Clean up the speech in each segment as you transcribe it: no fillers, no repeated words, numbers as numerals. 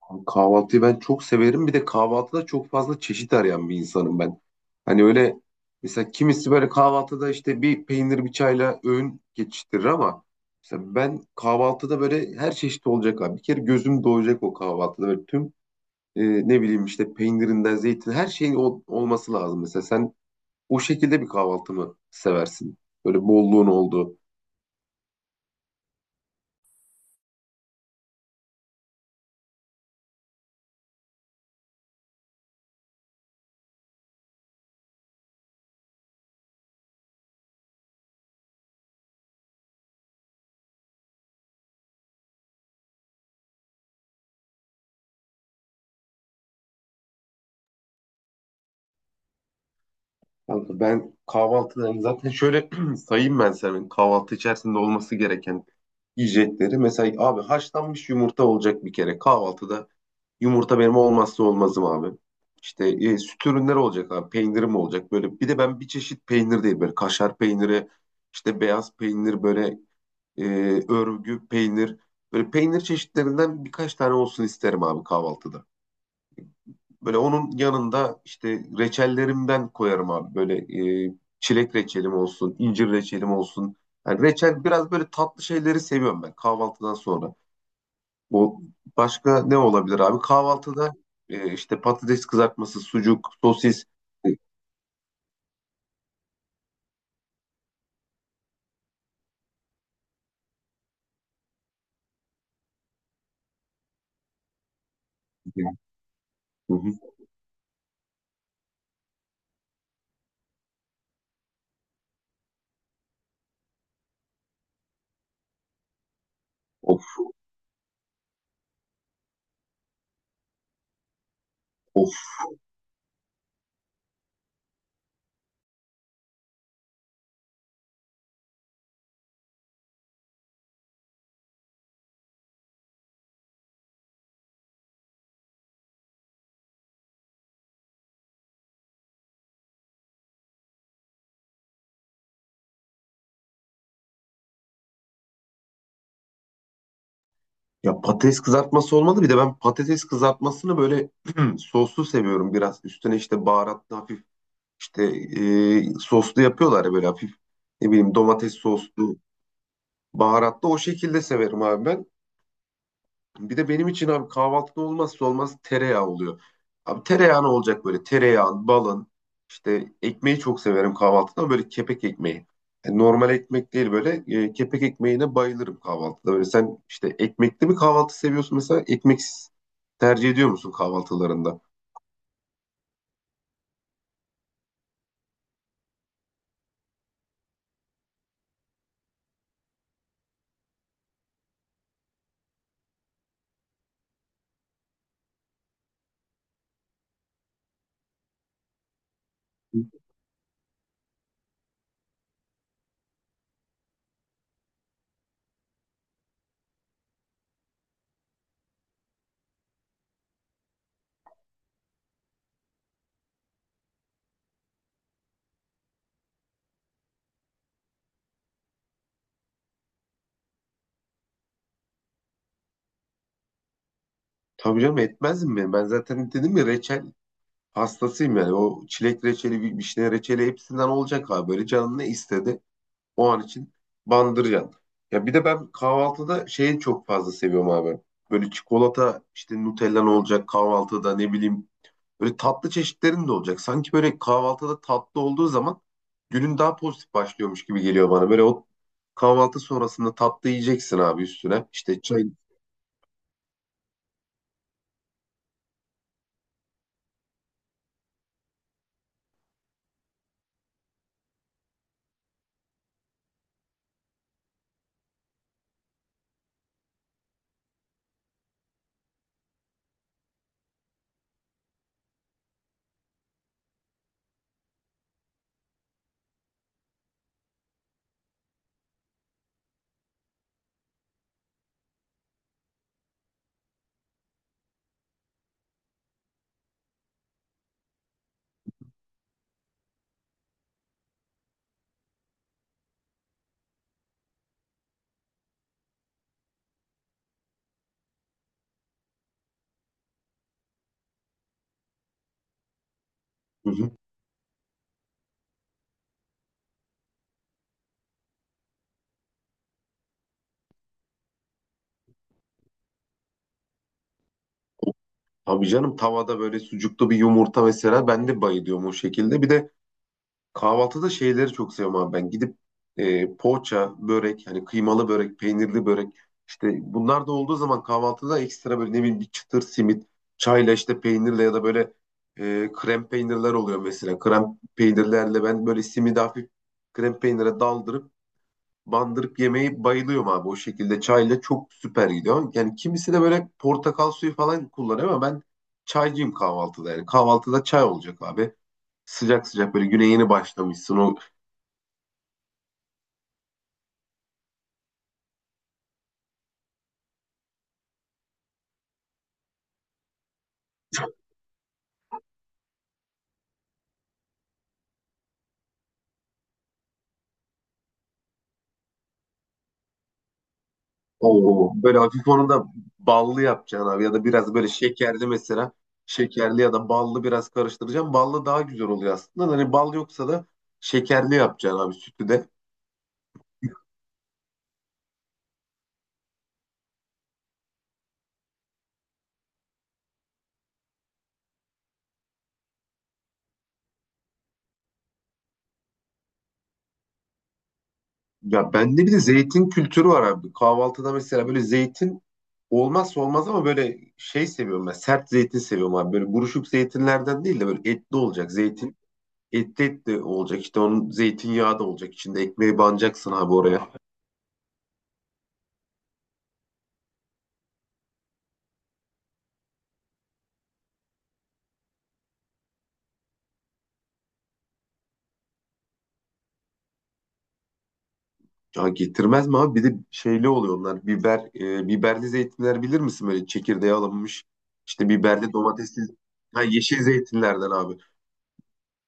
Abi kahvaltıyı ben çok severim. Bir de kahvaltıda çok fazla çeşit arayan bir insanım ben. Hani öyle, mesela kimisi böyle kahvaltıda işte bir peynir bir çayla öğün geçiştirir ama mesela ben kahvaltıda böyle her çeşit olacak abi. Bir kere gözüm doyacak o kahvaltıda. Böyle tüm e, ne bileyim işte peynirinden zeytin her şeyin olması lazım. Mesela sen o şekilde bir kahvaltı mı seversin? Böyle bolluğun olduğu. Kanka, ben kahvaltıda zaten şöyle sayayım ben senin kahvaltı içerisinde olması gereken yiyecekleri. Mesela abi haşlanmış yumurta olacak bir kere. Kahvaltıda yumurta benim olmazsa olmazım abi. İşte süt ürünleri olacak abi. Peynirim olacak böyle. Bir de ben bir çeşit peynir değil, böyle kaşar peyniri, işte beyaz peynir, böyle e, örgü peynir. Böyle peynir çeşitlerinden birkaç tane olsun isterim abi kahvaltıda. Böyle onun yanında işte reçellerimden koyarım abi. Böyle e, çilek reçelim olsun, incir reçelim olsun. Yani reçel, biraz böyle tatlı şeyleri seviyorum ben kahvaltıdan sonra. Bu başka ne olabilir abi? Kahvaltıda işte patates kızartması, sucuk, sosis. E, yani, hı hı. Of, of. Ya patates kızartması olmadı. Bir de ben patates kızartmasını böyle soslu seviyorum biraz. Üstüne işte baharatlı hafif, işte soslu yapıyorlar ya böyle hafif, ne bileyim, domates soslu, baharatlı, o şekilde severim abi ben. Bir de benim için abi kahvaltıda olmazsa olmaz tereyağı oluyor. Abi tereyağı ne olacak böyle? Tereyağın, balın, işte ekmeği çok severim kahvaltıda ama böyle kepek ekmeği. Yani normal ekmek değil, böyle kepek ekmeğine bayılırım kahvaltıda. Böyle sen işte ekmekli mi kahvaltı seviyorsun, mesela ekmeksiz tercih ediyor musun kahvaltılarında? Tabii canım, etmez mi? Ben zaten dedim ya, reçel hastasıyım yani. O çilek reçeli, vişne reçeli, hepsinden olacak abi. Böyle canın ne istedi? O an için bandırcan. Ya bir de ben kahvaltıda şeyi çok fazla seviyorum abi. Böyle çikolata, işte Nutella'n olacak kahvaltıda, ne bileyim. Böyle tatlı çeşitlerin de olacak. Sanki böyle kahvaltıda tatlı olduğu zaman günün daha pozitif başlıyormuş gibi geliyor bana. Böyle o kahvaltı sonrasında tatlı yiyeceksin abi üstüne. İşte çay. Hı hı. Tabii canım, tavada böyle sucuklu bir yumurta, mesela ben de bayılıyorum o şekilde. Bir de kahvaltıda şeyleri çok seviyorum abi ben. Gidip poğaça, börek, hani kıymalı börek, peynirli börek, işte bunlar da olduğu zaman kahvaltıda ekstra böyle, ne bileyim, bir çıtır simit, çayla işte peynirle, ya da böyle krem peynirler oluyor mesela. Krem peynirlerle ben böyle simidi hafif krem peynire daldırıp bandırıp yemeyi bayılıyorum abi. O şekilde çayla çok süper gidiyor. Yani kimisi de böyle portakal suyu falan kullanıyor ama ben çaycıyım kahvaltıda. Yani kahvaltıda çay olacak abi, sıcak sıcak, böyle güne yeni başlamışsın. O, oo, böyle hafif, onu da ballı yapacaksın abi ya da biraz böyle şekerli mesela. Şekerli ya da ballı biraz karıştıracaksın. Ballı daha güzel oluyor aslında. Hani bal yoksa da şekerli yapacaksın abi sütü de. Ya bende bir de zeytin kültürü var abi. Kahvaltıda mesela böyle zeytin olmazsa olmaz ama böyle şey seviyorum ben. Sert zeytin seviyorum abi. Böyle buruşuk zeytinlerden değil de böyle etli olacak zeytin. Etli etli olacak, işte onun zeytinyağı da olacak içinde, ekmeği banacaksın abi oraya. Ya getirmez mi abi? Bir de şeyli oluyor onlar. Biber, biberli zeytinler, bilir misin, böyle çekirdeği alınmış. İşte biberli, domatesli, ha, yeşil zeytinlerden abi.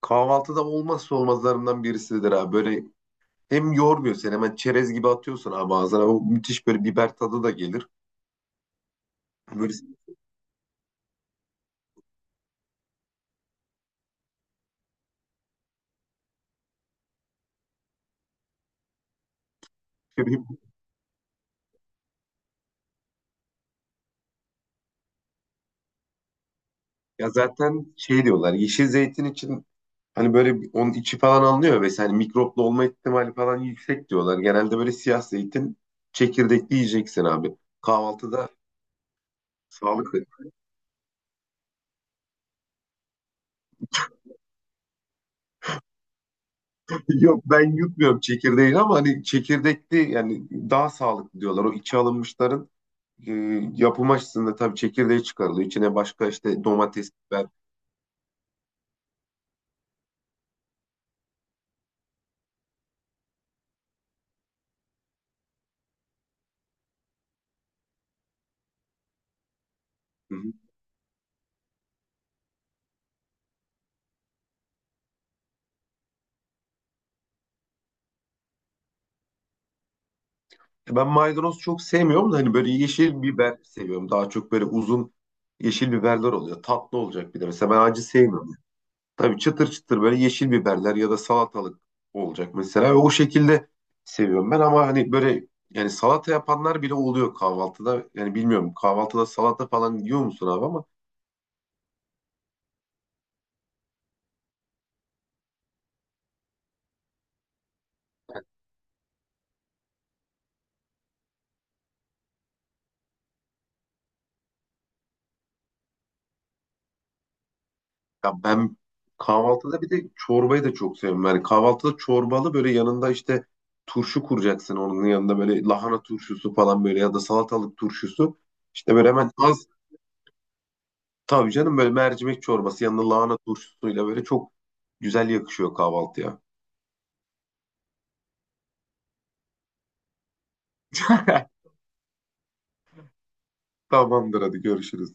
Kahvaltıda olmazsa olmazlarından birisidir abi. Böyle hem yormuyor seni, hemen çerez gibi atıyorsun abi ağzına. O müthiş böyle biber tadı da gelir. Böyle ya zaten şey diyorlar yeşil zeytin için. Hani böyle onun içi falan alınıyor ve hani mikroplu olma ihtimali falan yüksek diyorlar. Genelde böyle siyah zeytin çekirdekli yiyeceksin abi. Kahvaltıda sağlıklı. Yok, ben yutmuyorum çekirdeğini ama hani çekirdekli yani daha sağlıklı diyorlar. O içi alınmışların e, yapım açısından tabii çekirdeği çıkarılıyor. İçine başka işte domates, biber. Hı hı. Ben maydanoz çok sevmiyorum da hani böyle yeşil biber seviyorum. Daha çok böyle uzun yeşil biberler oluyor. Tatlı olacak bir de. Mesela ben acı sevmiyorum. Tabii çıtır çıtır böyle yeşil biberler ya da salatalık olacak mesela. Ve o şekilde seviyorum ben ama hani böyle, yani salata yapanlar bile oluyor kahvaltıda. Yani bilmiyorum, kahvaltıda salata falan yiyor musun abi ama ya ben kahvaltıda bir de çorbayı da çok seviyorum. Yani kahvaltıda çorbalı, böyle yanında işte turşu kuracaksın onun yanında, böyle lahana turşusu falan, böyle ya da salatalık turşusu. İşte böyle hemen az, tabii canım böyle mercimek çorbası yanında lahana turşusuyla böyle çok güzel yakışıyor kahvaltıya. Tamamdır, hadi görüşürüz.